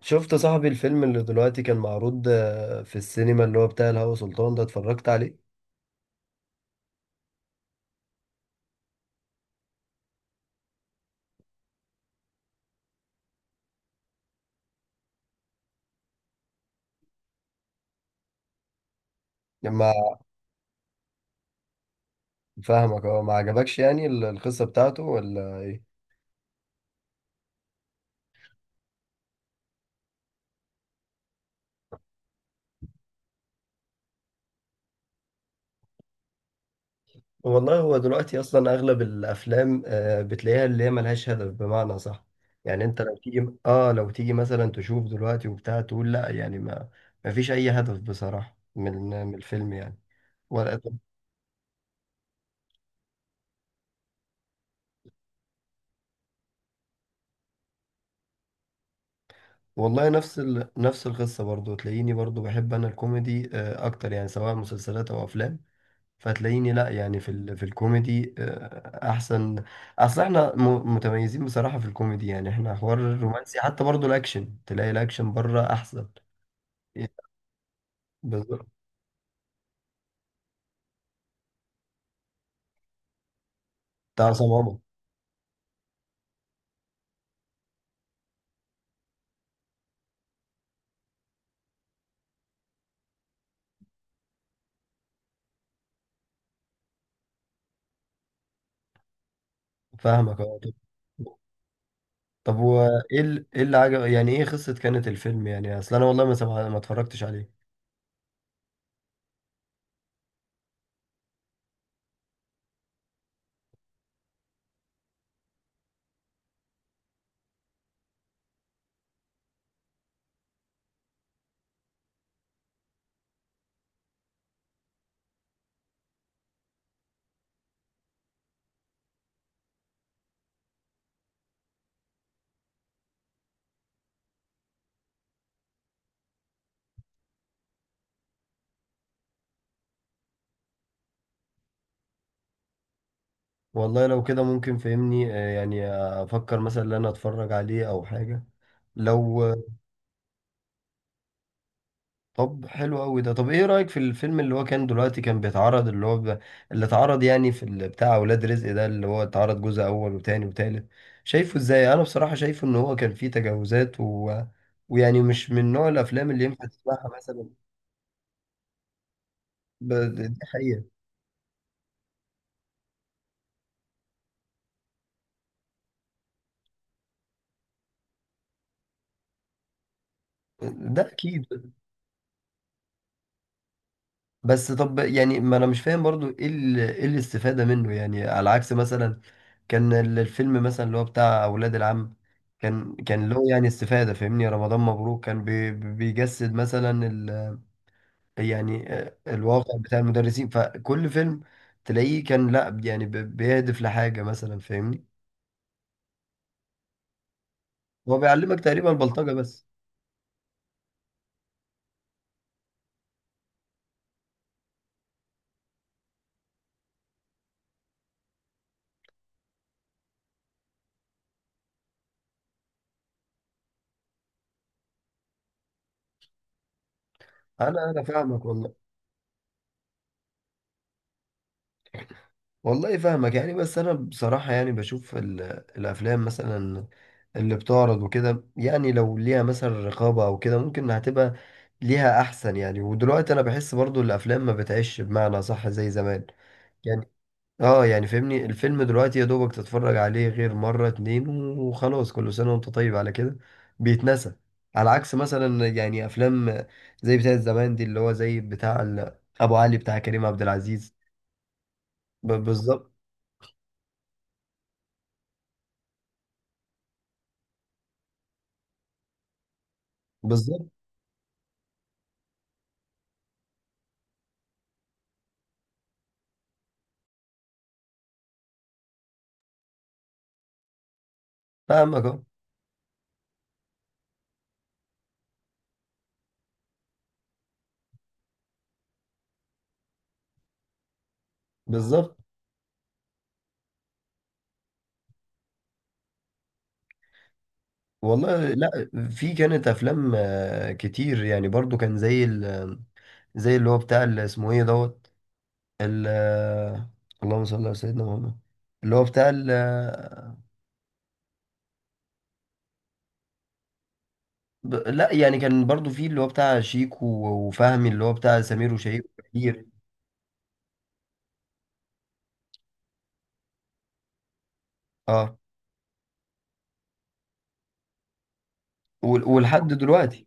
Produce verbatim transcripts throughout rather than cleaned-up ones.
شفت صاحبي الفيلم اللي دلوقتي كان معروض آه، في السينما اللي هو بتاع الهوى سلطان ده اتفرجت عليه. لما فاهمك، هو ما عجبكش يعني ال- القصة بتاعته ولا ايه؟ والله هو دلوقتي اصلا اغلب الافلام آه، بتلاقيها اللي هي ملهاش هدف، بمعنى صح. يعني انت لو تيجي، اه لو تيجي مثلا تشوف دلوقتي وبتاع، تقول لا يعني ما. ما فيش اي هدف بصراحة من من الفيلم يعني. ولا- والله نفس ال... نفس القصة برضو، تلاقيني برضو بحب انا الكوميدي آه، اكتر، يعني سواء مسلسلات او افلام. فتلاقيني لا يعني في ال... في الكوميدي آه، احسن. اصل احنا م... متميزين بصراحة في الكوميدي، يعني احنا حوار الرومانسي، حتى برضو الاكشن تلاقي الاكشن بره احسن. إيه، بالظبط. بتاع عصام عمر. فاهمك، اه. طب طب وايه ال... ايه اللي عجب؟ يعني ايه قصة كانت الفيلم؟ يعني اصل انا والله ما سمع... ما اتفرجتش عليه. والله لو كده ممكن فهمني آه، يعني افكر مثلا ان انا اتفرج عليه او حاجة. لو طب حلو قوي ده. طب ايه رأيك في الفيلم اللي هو كان دلوقتي كان بيتعرض، اللي هو ب... اللي اتعرض يعني في ال... بتاع اولاد رزق ده، اللي هو اتعرض جزء اول وتاني وتالت؟ شايفه ازاي؟ انا بصراحة شايفه ان هو كان فيه تجاوزات و... ويعني مش من نوع الافلام اللي ينفع تسمعها مثلا. ب... دي حقيقة. ده اكيد. بس طب يعني ما انا مش فاهم برضو ايه ال- ايه الاستفادة منه، يعني على عكس مثلا كان ال- الفيلم مثلا اللي هو بتاع اولاد العم، كان كان له يعني استفادة، فاهمني؟ رمضان مبروك كان بي بي- بيجسد مثلا ال يعني آه، الواقع بتاع المدرسين، فكل فيلم تلاقيه كان لا يعني بي- بيهدف لحاجة مثلا، فاهمني؟ هو بيعلمك تقريبا البلطجة بس. انا انا فاهمك والله. والله فاهمك يعني، بس انا بصراحة يعني بشوف ال- الافلام مثلا اللي بتعرض وكده. يعني لو ليها مثلا رقابة او كده ممكن هتبقى ليها احسن. يعني ودلوقتي انا بحس برضو الافلام ما بتعيش بمعنى صح زي زمان يعني. اه، يعني فهمني الفيلم دلوقتي يا دوبك تتفرج عليه غير مرة اتنين وخلاص، كل سنة وانت طيب على كده، بيتنسى. على عكس مثلا يعني افلام زي بتاع زمان دي، اللي هو زي بتاع ال- ابو علي بتاع كريم عبد العزيز. ب- بالظبط. بالظبط. فاهمك، اه. بالظبط. والله، لا، في كانت افلام آه، كتير يعني، برضو كان زي ال- زي اللي هو بتاع اللي اسمه ايه دوت ال- آه، اللهم صل على سيدنا محمد، اللي هو بتاع ال- آه، ب- لا يعني كان برضو في اللي هو بتاع شيكو. وفهمي اللي هو بتاع سمير وشهير وبهير. اه. وال- ولحد دلوقتي.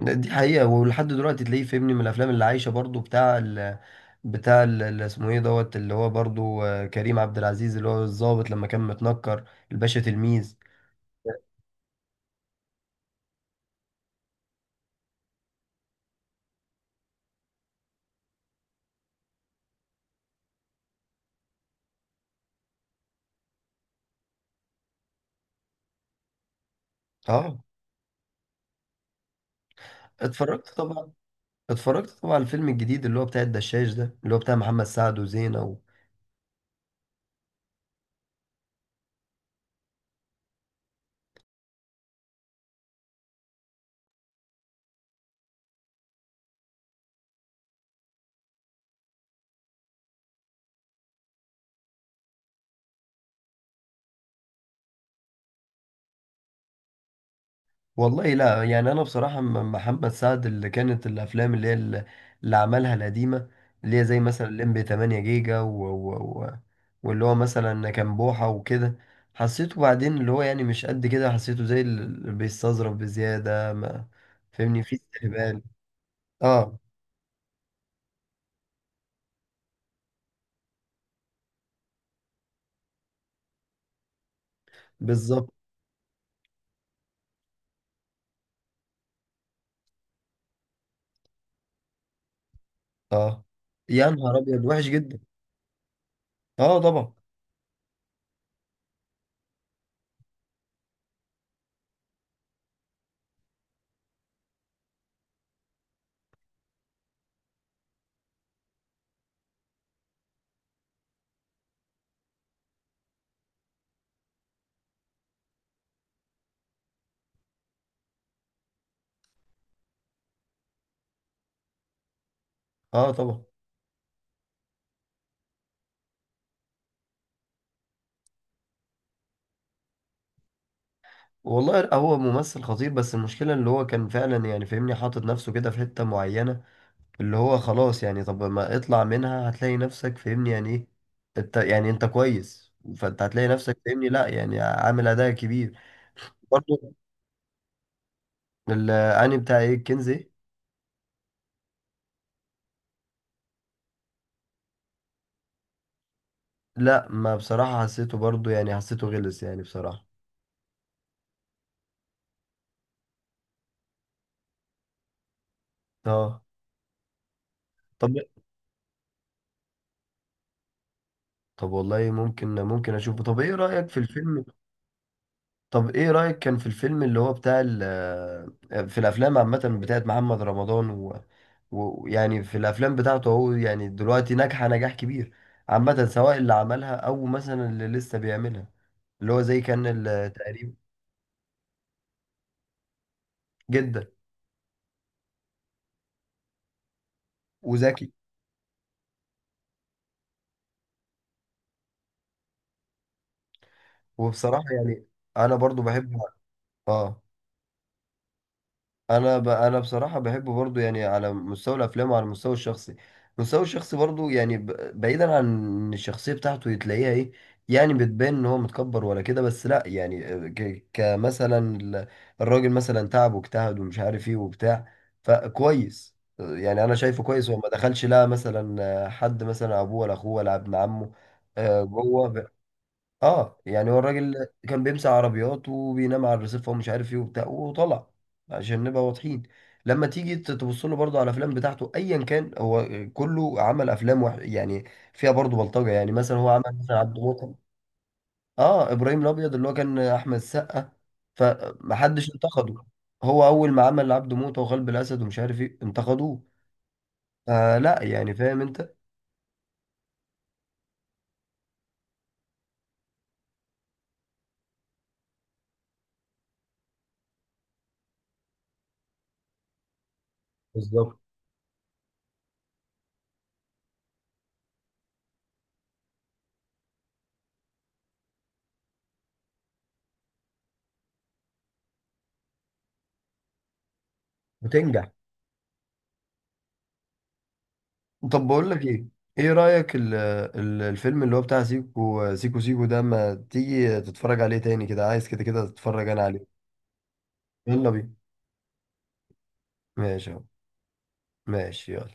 دي حقيقة، ولحد دلوقتي تلاقيه فهمني من الافلام اللي عايشة برضو، بتاع ال بتاع ال- اللي اسمه ايه دوت، اللي هو برضو آه، كريم عبد العزيز، اللي هو الضابط لما كان متنكر، الباشا تلميذ. اه. اتفرجت طبعا. اتفرجت طبعا على الفيلم الجديد اللي هو بتاع الدشاش ده، اللي هو بتاع محمد سعد وزينة و... والله لا يعني، انا بصراحة م- محمد سعد اللي كانت الافلام اللي هي اللي, اللي عملها القديمة، اللي هي زي مثلا الليمبي تمانية جيجا و... و... و... واللي هو مثلا كان بوحة وكده، حسيته بعدين اللي هو يعني مش قد كده، حسيته زي اللي بيستظرف بزيادة ما. فهمني في استهبال. اه. بالظبط. اه. يا نهار ابيض، وحش جدا. اه طبعا. اه طبعا. والله هو ممثل خطير، بس المشكلة اللي هو كان فعلا يعني فاهمني حاطط نفسه كده في حتة معينة، اللي هو خلاص يعني. طب ما اطلع منها، هتلاقي نفسك فاهمني، يعني ايه؟ انت يعني انت كويس، فانت هتلاقي نفسك، فاهمني، لا يعني عامل اداء كبير. برضه. الاني بتاع ايه الكنز ايه؟ لا، ما بصراحة حسيته برضه، يعني حسيته غلس يعني بصراحة. اه. طب طب والله ممكن ممكن اشوفه. طب ايه رأيك في الفيلم؟ طب ايه رأيك كان في الفيلم اللي هو بتاع ال آه، في الافلام عامة بتاعت محمد رمضان و- ويعني في الافلام بتاعته هو يعني دلوقتي، ناجحة نجاح كبير عامة، سواء اللي عملها او مثلا اللي لسه بيعملها، اللي هو زي كان التقريب. جدا وزكي. وبصراحة يعني انا برضو بحبه. اه. انا ب... انا بصراحه بحبه برضو يعني، على مستوى الافلام وعلى المستوى الشخصي. المستوى الشخصي برضو يعني ب... بعيدا عن إن الشخصيه بتاعته تلاقيها ايه، يعني بتبان ان هو متكبر ولا كده، بس لا يعني، ك... كمثلا ال- الراجل مثلا تعب واجتهد ومش عارف ايه وبتاع. فكويس يعني، انا شايفه كويس هو ما دخلش لا مثلا حد، مثلا ابوه ولا اخوه ولا ابن عمه آه، جوه. اه، يعني هو الراجل كان بيمسح عربيات وبينام على الرصيف ومش عارف ايه وبتاع، وطلع، عشان نبقى واضحين. لما تيجي تبص له برضه على الافلام بتاعته، ايا كان هو كله عمل افلام وح... يعني فيها برضه بلطجه. يعني مثلا هو عمل مثلا عبد الموطن. اه، ابراهيم الابيض اللي هو كان احمد السقا. فمحدش انتقده. هو اول ما عمل عبده موته وقلب الاسد ومش عارف ايه انتقدوه. آه لا، يعني فاهم انت. بالظبط. وتنجح. طب بقول لك ايه. ايه رأيك ال ال الفيلم اللي هو بتاع سيكو سيكو سيكو ده، ما تيجي تتفرج عليه تاني كده؟ عايز كده كده تتفرج انا عليه. يلا بينا. ماشي اهو. ماشي يلا.